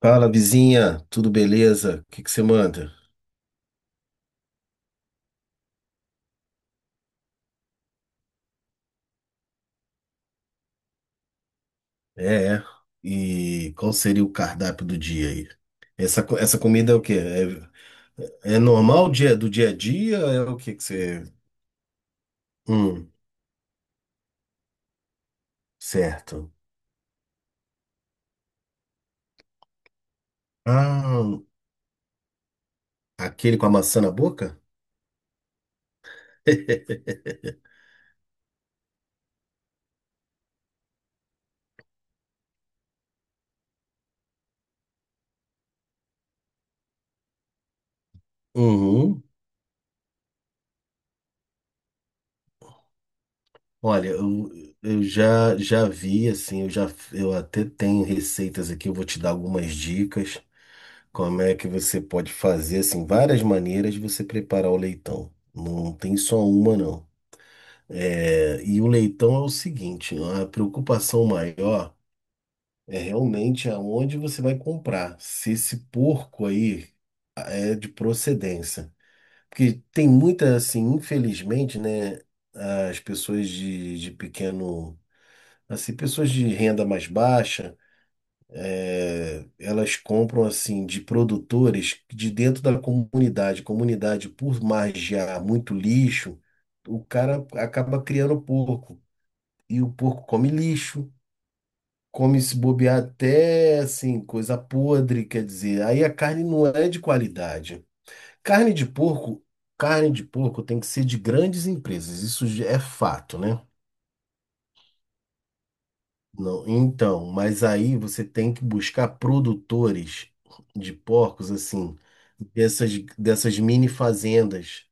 Fala, vizinha, tudo beleza? O que que você manda? É, é. E qual seria o cardápio do dia aí? Essa comida é o quê? É, é normal dia, do dia a dia? É o que que você. Hum. Certo. Ah, aquele com a maçã na boca? Uhum. Olha, eu já vi, assim, eu até tenho receitas aqui, eu vou te dar algumas dicas. Como é que você pode fazer assim, várias maneiras de você preparar o leitão. Não tem só uma, não. É, e o leitão é o seguinte, a preocupação maior é realmente aonde você vai comprar, se esse porco aí é de procedência. Porque tem muita, assim, infelizmente, né, as pessoas de pequeno, assim, pessoas de renda mais baixa, elas compram assim de produtores de dentro da comunidade. Comunidade, por margear muito lixo, o cara acaba criando porco. E o porco come lixo, come se bobear até assim, coisa podre, quer dizer, aí a carne não é de qualidade. Carne de porco, Carne de porco tem que ser de grandes empresas, isso já é fato, né? Não, então, mas aí você tem que buscar produtores de porcos, assim, dessas, dessas mini fazendas.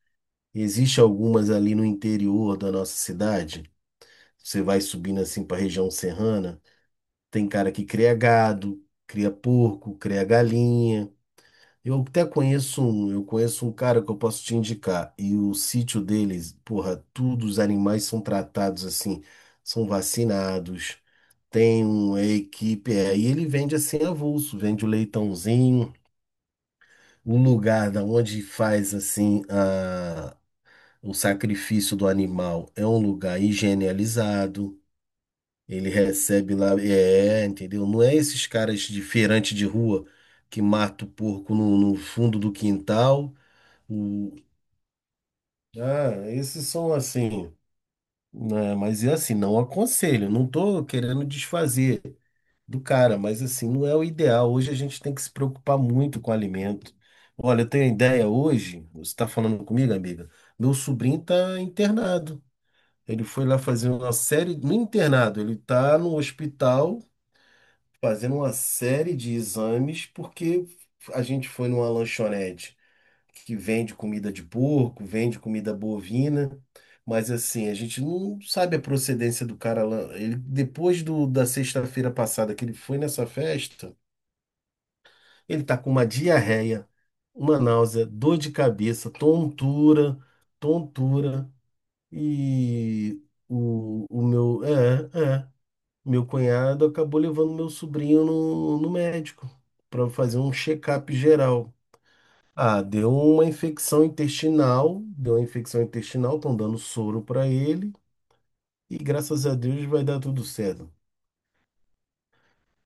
Existe algumas ali no interior da nossa cidade. Você vai subindo assim para a região serrana. Tem cara que cria gado, cria porco, cria galinha. Eu conheço um cara que eu posso te indicar. E o sítio deles, porra, todos os animais são tratados assim, são vacinados. Tem uma equipe aí, ele vende assim avulso, vende o leitãozinho, o lugar da onde faz o sacrifício do animal é um lugar higienizado, ele recebe lá, entendeu? Não é esses caras de feirante de rua que mata o porco no fundo do quintal. O, Esses são assim, né? Mas é assim, não aconselho, não tô querendo desfazer do cara, mas assim, não é o ideal. Hoje a gente tem que se preocupar muito com o alimento. Olha, eu tenho a ideia hoje, você está falando comigo, amiga? Meu sobrinho está internado. Ele foi lá fazer uma série, no internado, ele está no hospital fazendo uma série de exames porque a gente foi numa lanchonete que vende comida de porco, vende comida bovina. Mas assim, a gente não sabe a procedência do cara lá. Ele, depois da sexta-feira passada que ele foi nessa festa, ele está com uma diarreia, uma náusea, dor de cabeça, tontura, tontura. E o meu, é, é, meu cunhado acabou levando meu sobrinho no médico para fazer um check-up geral. Ah, deu uma infecção intestinal, estão dando soro para ele e graças a Deus vai dar tudo certo.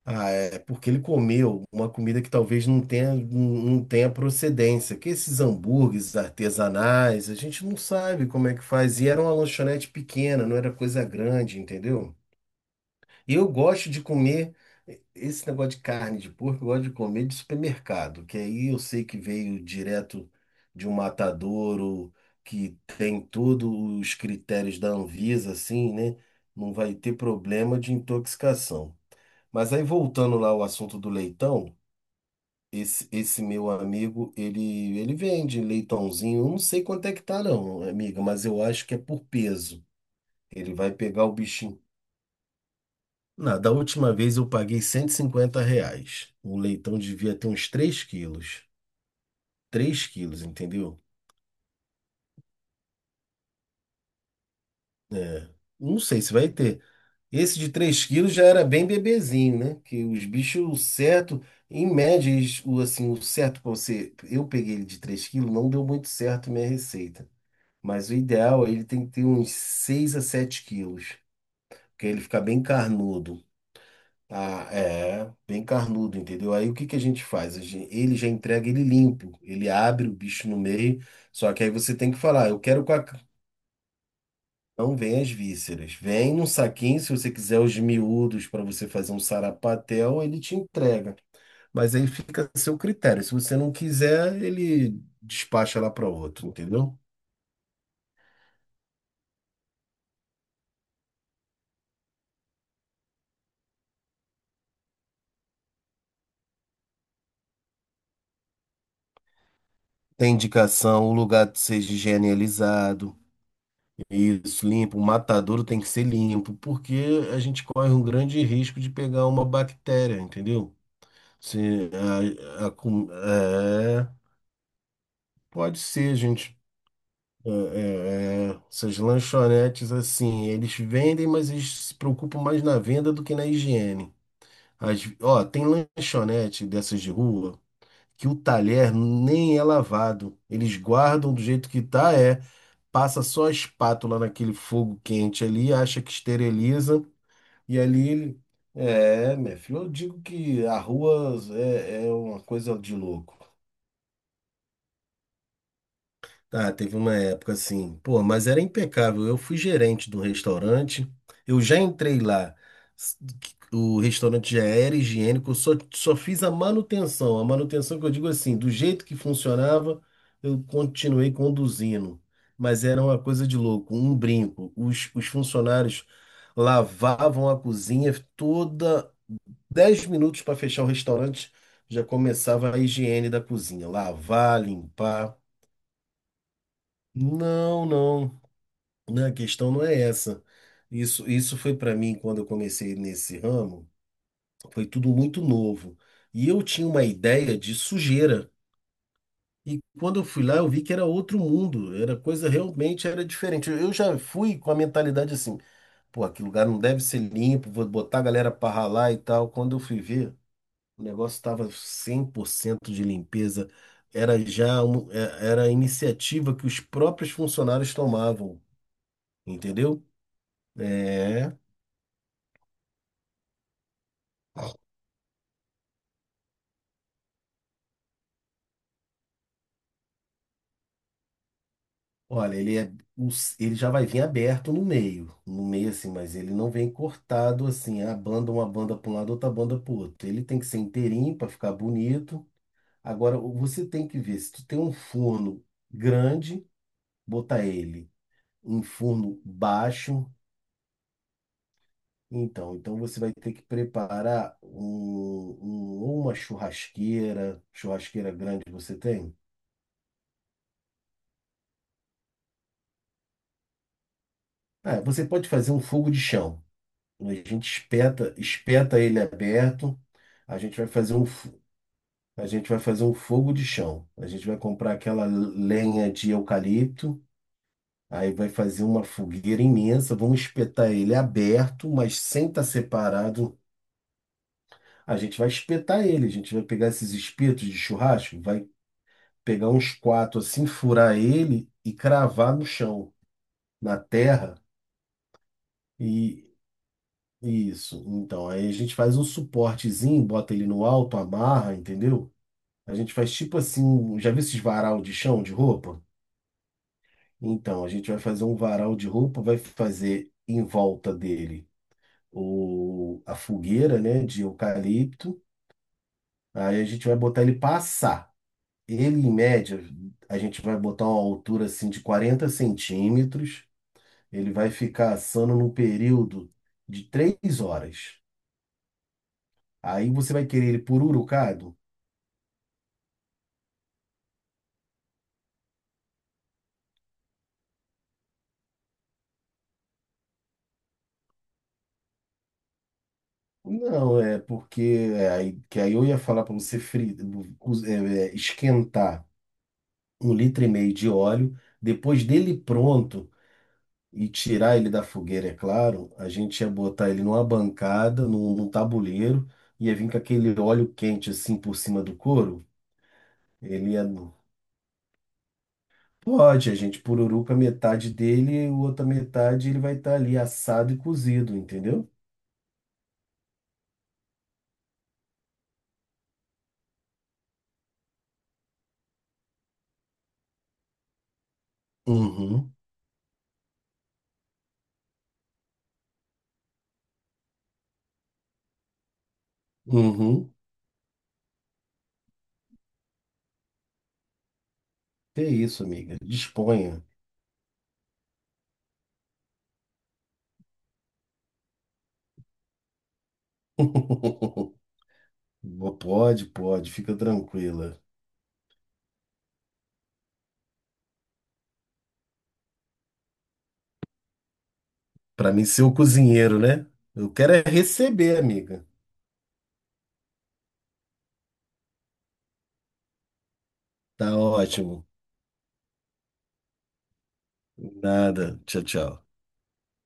Ah, é porque ele comeu uma comida que talvez não não tenha procedência. Que esses hambúrgueres artesanais, a gente não sabe como é que faz. E era uma lanchonete pequena, não era coisa grande, entendeu? E eu gosto de comer esse negócio de carne de porco, eu gosto de comer de supermercado, que aí eu sei que veio direto de um matadouro, que tem todos os critérios da Anvisa, assim, né? Não vai ter problema de intoxicação. Mas aí voltando lá ao assunto do leitão, esse meu amigo, ele vende leitãozinho, eu não sei quanto é que tá não, amiga, mas eu acho que é por peso. Ele vai pegar o bichinho. Da última vez eu paguei R$ 150. O leitão devia ter uns 3 quilos. 3 quilos, entendeu? É. Não sei se vai ter. Esse de 3 quilos já era bem bebezinho, né? Que os bichos, o certo, em média, o certo para você. Eu peguei ele de 3 quilos, não deu muito certo minha receita. Mas o ideal é ele tem que ter uns 6 a 7 quilos, porque ele fica bem carnudo. Ah, bem carnudo, entendeu? Aí o que que a gente faz? Ele já entrega ele limpo, ele abre o bicho no meio, só que aí você tem que falar, eu quero com a. Não vem as vísceras. Vem num saquinho, se você quiser os miúdos para você fazer um sarapatel, ele te entrega. Mas aí fica a seu critério. Se você não quiser, ele despacha lá para outro, entendeu? Tem indicação, o lugar seja higienizado, isso, limpo, o matadouro tem que ser limpo, porque a gente corre um grande risco de pegar uma bactéria, entendeu? Se a, a, com- é, Pode ser, gente. Essas lanchonetes assim, eles vendem, mas eles se preocupam mais na venda do que na higiene. Ó, tem lanchonete dessas de rua que o talher nem é lavado. Eles guardam do jeito que tá, passa só a espátula naquele fogo quente ali, acha que esteriliza e ali. É, meu filho, eu digo que a rua é uma coisa de louco. Ah, teve uma época assim, pô, mas era impecável. Eu fui gerente do restaurante, eu já entrei lá. s- O restaurante já era higiênico, eu só fiz a manutenção. A manutenção que eu digo assim, do jeito que funcionava, eu continuei conduzindo. Mas era uma coisa de louco, um brinco. Os funcionários lavavam a cozinha toda, 10 minutos para fechar o restaurante, já começava a higiene da cozinha, lavar, limpar. Não, não. Não, a questão não é essa. Isso foi para mim quando eu comecei nesse ramo, foi tudo muito novo. E eu tinha uma ideia de sujeira. E quando eu fui lá, eu vi que era outro mundo, era coisa realmente era diferente. Eu já fui com a mentalidade assim, pô, aquele lugar não deve ser limpo, vou botar a galera para ralar e tal. Quando eu fui ver, o negócio estava 100% de limpeza. Era já um- é- Era a iniciativa que os próprios funcionários tomavam, entendeu? É. Olha, ele é, o ele já vai vir aberto no meio, no meio assim, mas ele não vem cortado assim, a banda uma banda para um lado, outra banda para o outro. Ele tem que ser inteirinho para ficar bonito. Agora você tem que ver se tu tem um forno grande, botar ele em forno baixo. Então você vai ter que preparar ou uma churrasqueira, grande que você tem? Ah, você pode fazer um fogo de chão. A gente espeta ele aberto. A gente vai fazer um, fo- a gente vai fazer um fogo de chão. A gente vai comprar aquela lenha de eucalipto. Aí vai fazer uma fogueira imensa. Vamos espetar ele aberto, mas sem estar separado. A gente vai espetar ele. A gente vai pegar esses espetos de churrasco, vai pegar uns quatro assim, furar ele e cravar no chão, na terra. E e isso. Então, aí a gente faz um suportezinho, bota ele no alto, amarra, entendeu? A gente faz tipo assim, já viu esses varal de chão de roupa? Então, a gente vai fazer um varal de roupa, vai fazer em volta dele a fogueira, né, de eucalipto. Aí a gente vai botar ele passar. Ele, em média, a gente vai botar uma altura assim de 40 centímetros. Ele vai ficar assando num período de 3 horas. Aí você vai querer ele pururucado? Não, é porque que aí eu ia falar para você fri, cus- é, é, esquentar um litro e meio de óleo, depois dele pronto e tirar ele da fogueira, é claro, a gente ia botar ele numa bancada, num tabuleiro, ia vir com aquele óleo quente assim por cima do couro. Ele ia. Pode, a gente pururuca metade dele e a outra metade ele vai estar ali assado e cozido, entendeu? Uhum, uhum. Que isso, amiga. Disponha. Pode, pode, fica tranquila. Para mim ser o cozinheiro, né? Eu quero é receber, amiga. Tá ótimo. Nada. Tchau, tchau.